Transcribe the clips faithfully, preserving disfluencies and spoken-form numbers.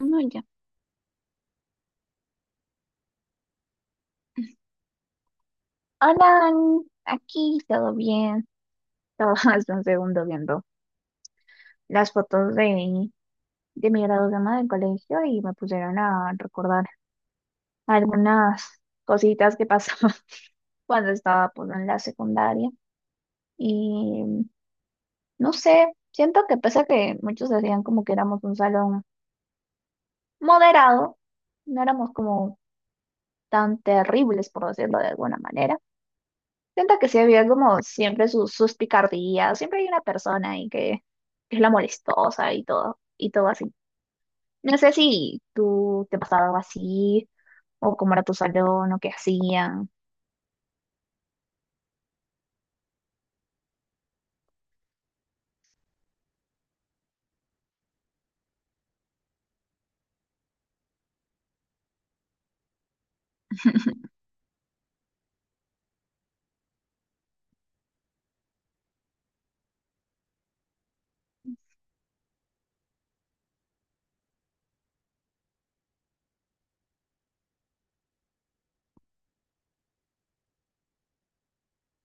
No, ya. Hola, Dani. Aquí todo bien. Estaba hace un segundo viendo las fotos de, de mi graduación del colegio y me pusieron a recordar algunas cositas que pasaban cuando estaba pues, en la secundaria. Y no sé, siento que pese a que muchos decían como que éramos un salón moderado, no éramos como tan terribles, por decirlo de alguna manera. Siento que sí había como siempre sus, sus picardías, siempre hay una persona ahí que, que es la molestosa y todo, y todo así. No sé si tú te pasaba algo así, o cómo era tu salón, o qué hacían.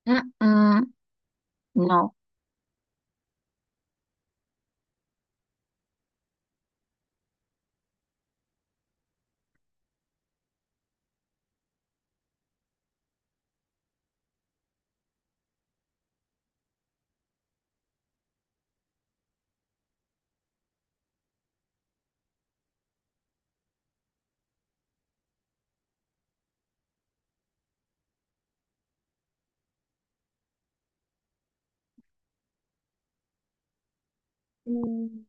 Mm, mm, no. Mm.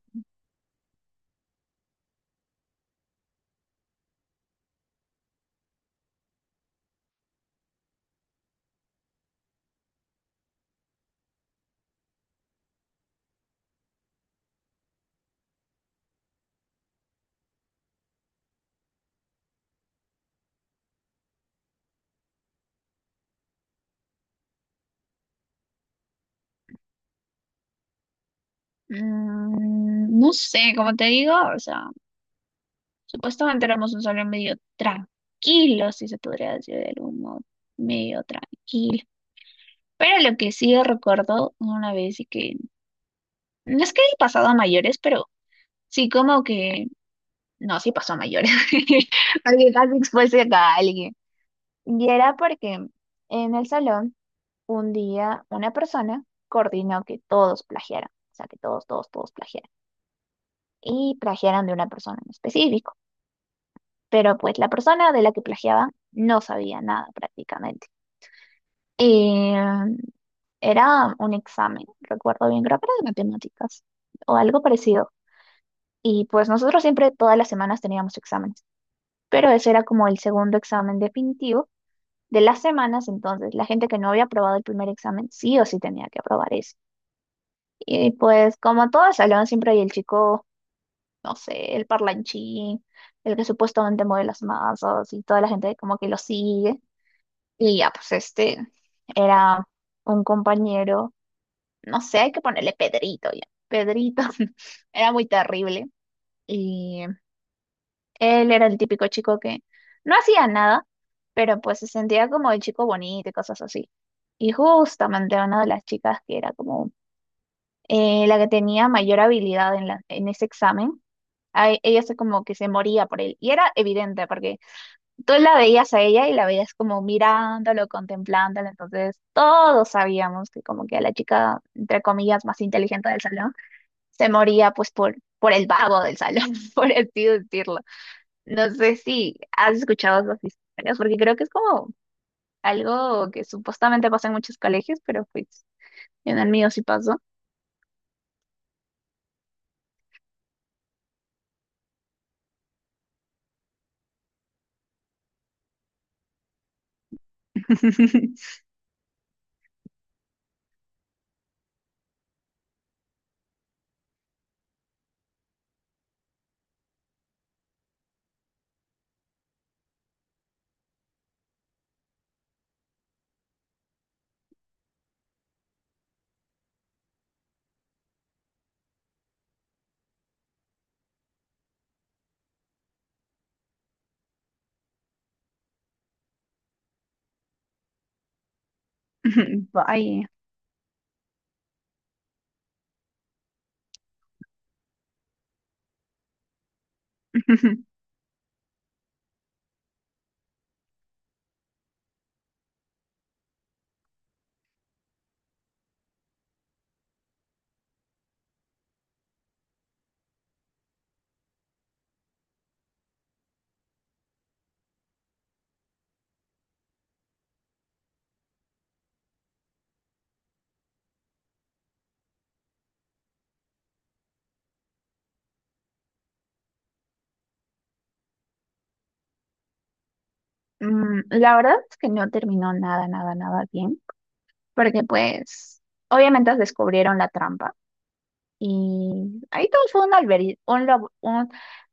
Mm, no sé, como te digo, o sea, supuestamente éramos un salón medio tranquilo, si se podría decir de algún modo, medio tranquilo. Pero lo que sí recuerdo una vez y que, no es que he pasado a mayores, pero sí, como que, no, sí pasó a mayores, porque casi expuse a alguien. Y era porque en el salón, un día, una persona coordinó que todos plagiaran, o sea, que todos, todos, todos plagiaran, y plagiaran de una persona en específico. Pero pues la persona de la que plagiaban no sabía nada prácticamente. Y mm, era un examen, recuerdo bien, creo que era de matemáticas o algo parecido. Y pues nosotros siempre, todas las semanas teníamos exámenes, pero ese era como el segundo examen definitivo de las semanas, entonces la gente que no había aprobado el primer examen sí o sí tenía que aprobar ese. Y pues como todos hablaban siempre y el chico, no sé, el parlanchín, el que supuestamente mueve las masas y toda la gente como que lo sigue. Y ya, pues este era un compañero, no sé, hay que ponerle Pedrito ya. Pedrito era muy terrible y él era el típico chico que no hacía nada, pero pues se sentía como el chico bonito y cosas así. Y justamente una de las chicas que era como eh, la que tenía mayor habilidad en, la- en ese examen, a e- ella se como que se moría por él. Y era evidente porque tú la veías a ella y la veías como mirándolo, contemplándolo. Entonces todos sabíamos que como que a la chica, entre comillas, más inteligente del salón, se moría pues por, por el vago del salón, por así decirlo. No sé si has escuchado esas historias, porque creo que es como algo que supuestamente pasa en muchos colegios, pero pues en el mío sí pasó. Vaya. Mm, La verdad es que no terminó nada, nada, nada bien, porque pues obviamente descubrieron la trampa y ahí todo fue un, alberi- un, lab- un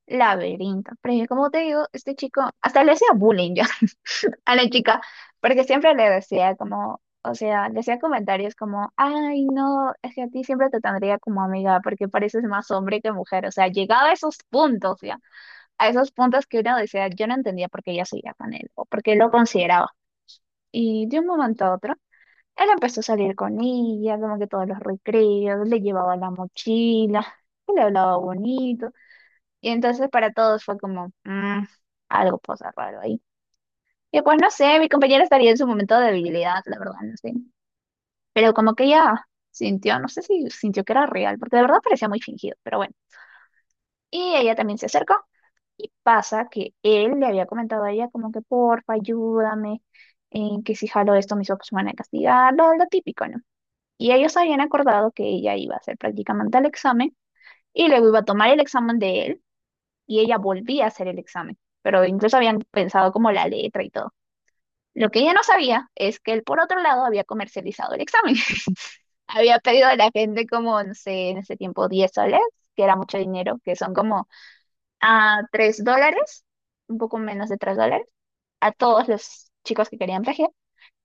laberinto. Pero yo, como te digo, este chico hasta le hacía bullying ya a la chica, porque siempre le decía como, o sea, le hacía comentarios como, ay, no, es que a ti siempre te tendría como amiga, porque pareces más hombre que mujer, o sea, llegaba a esos puntos ya, a esos puntos que uno decía, yo no entendía por qué ella seguía con él, o por qué lo consideraba. Y de un momento a otro, él empezó a salir con ella, como que todos los recreos, le llevaba la mochila, y le hablaba bonito, y entonces para todos fue como, "Mm, algo pasa raro ahí", y pues no sé, mi compañera estaría en su momento de debilidad, la verdad, no sé. Pero como que ella sintió, no sé si sintió que era real, porque de verdad parecía muy fingido, pero bueno. Y ella también se acercó y pasa que él le había comentado a ella como que porfa, ayúdame, eh, que si jalo esto mis papás me van a castigar, lo, lo típico, ¿no? Y ellos habían acordado que ella iba a hacer prácticamente el examen y luego iba a tomar el examen de él y ella volvía a hacer el examen. Pero incluso habían pensado como la letra y todo. Lo que ella no sabía es que él, por otro lado, había comercializado el examen. Había pedido a la gente como, no sé, en ese tiempo diez soles, que era mucho dinero, que son como a tres dólares, un poco menos de tres dólares, a todos los chicos que querían plagiar.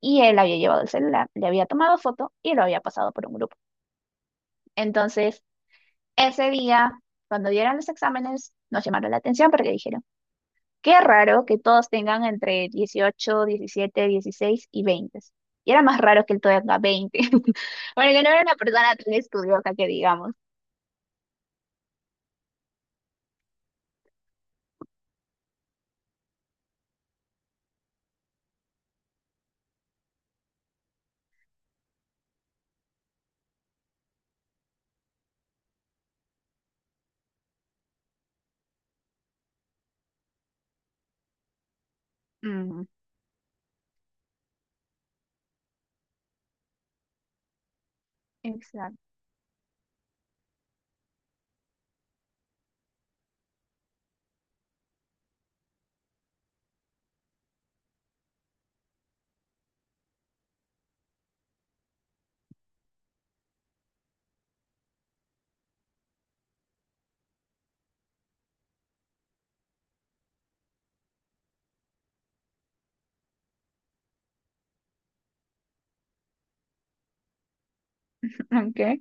Y él había llevado el celular, le había tomado foto y lo había pasado por un grupo. Entonces, ese día, cuando dieron los exámenes, nos llamaron la atención porque dijeron, qué raro que todos tengan entre dieciocho, diecisiete, dieciséis y veinte. Y era más raro que él todavía tenga veinte. Porque no era una persona tan estudiosa que digamos. Mm, exacto. Okay.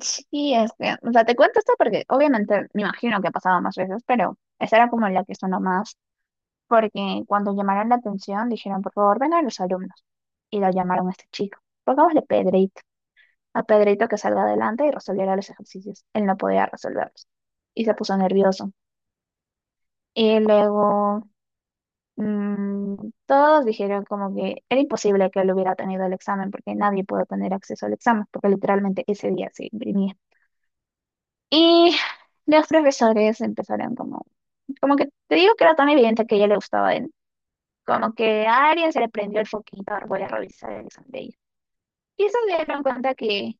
Sí, es que, o sea, te cuento esto porque obviamente me imagino que ha pasado más veces, pero esa era como la que sonó más porque cuando llamaron la atención dijeron, por favor, vengan los alumnos. Y lo llamaron a este chico. Pongámosle Pedrito, a Pedrito que salga adelante y resolviera los ejercicios. Él no podía resolverlos y se puso nervioso. Y luego mm, todos dijeron como que era imposible que él hubiera tenido el examen porque nadie pudo tener acceso al examen porque literalmente ese día se imprimía. Y los profesores empezaron como, como que te digo que era tan evidente que a ella le gustaba. Como que a alguien se le prendió el foquito, ahora voy a revisar el examen de ella. Y eso, se dieron cuenta que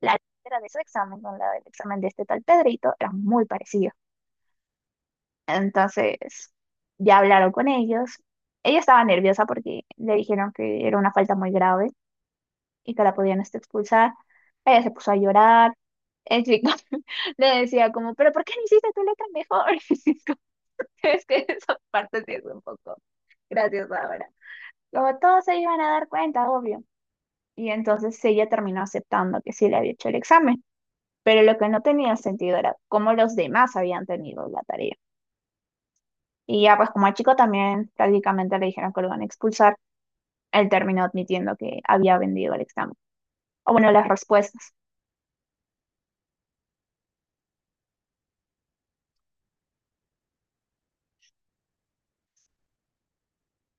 la letra de su examen con la del examen de este tal Pedrito era muy parecida. Entonces, ya hablaron con ellos. Ella estaba nerviosa porque le dijeron que era una falta muy grave y que la podían este, expulsar. Ella se puso a llorar. El chico le decía como, pero ¿por qué no hiciste tu letra mejor? Como, es que esa parte sí es un poco graciosa ahora. Como todos se iban a dar cuenta, obvio. Y entonces ella terminó aceptando que sí le había hecho el examen, pero lo que no tenía sentido era cómo los demás habían tenido la tarea. Y ya pues como al chico también prácticamente le dijeron que lo iban a expulsar, él terminó admitiendo que había vendido el examen. O bueno, las respuestas.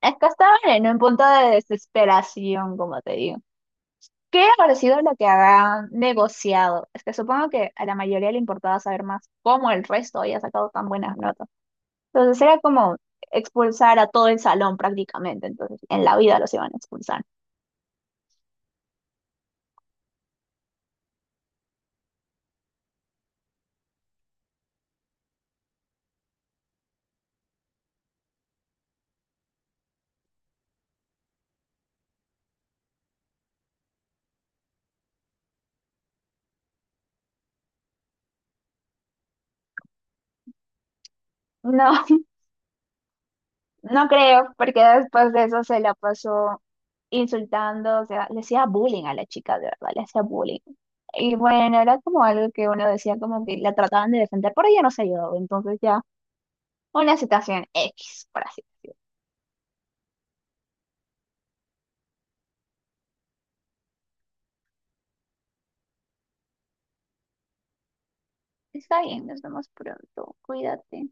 Es que estaban en un punto de desesperación, como te digo. ¿Qué habrá sido lo que habrán negociado? Es que supongo que a la mayoría le importaba saber más cómo el resto había sacado tan buenas notas. Entonces era como expulsar a todo el salón prácticamente. Entonces en la vida los iban a expulsar. No, no creo, porque después de eso se la pasó insultando, o sea, le hacía bullying a la chica, de verdad, le hacía bullying. Y bueno, era como algo que uno decía como que la trataban de defender, pero ella no se ayudó, entonces ya una situación X, por así decirlo. Está bien, nos vemos pronto. Cuídate.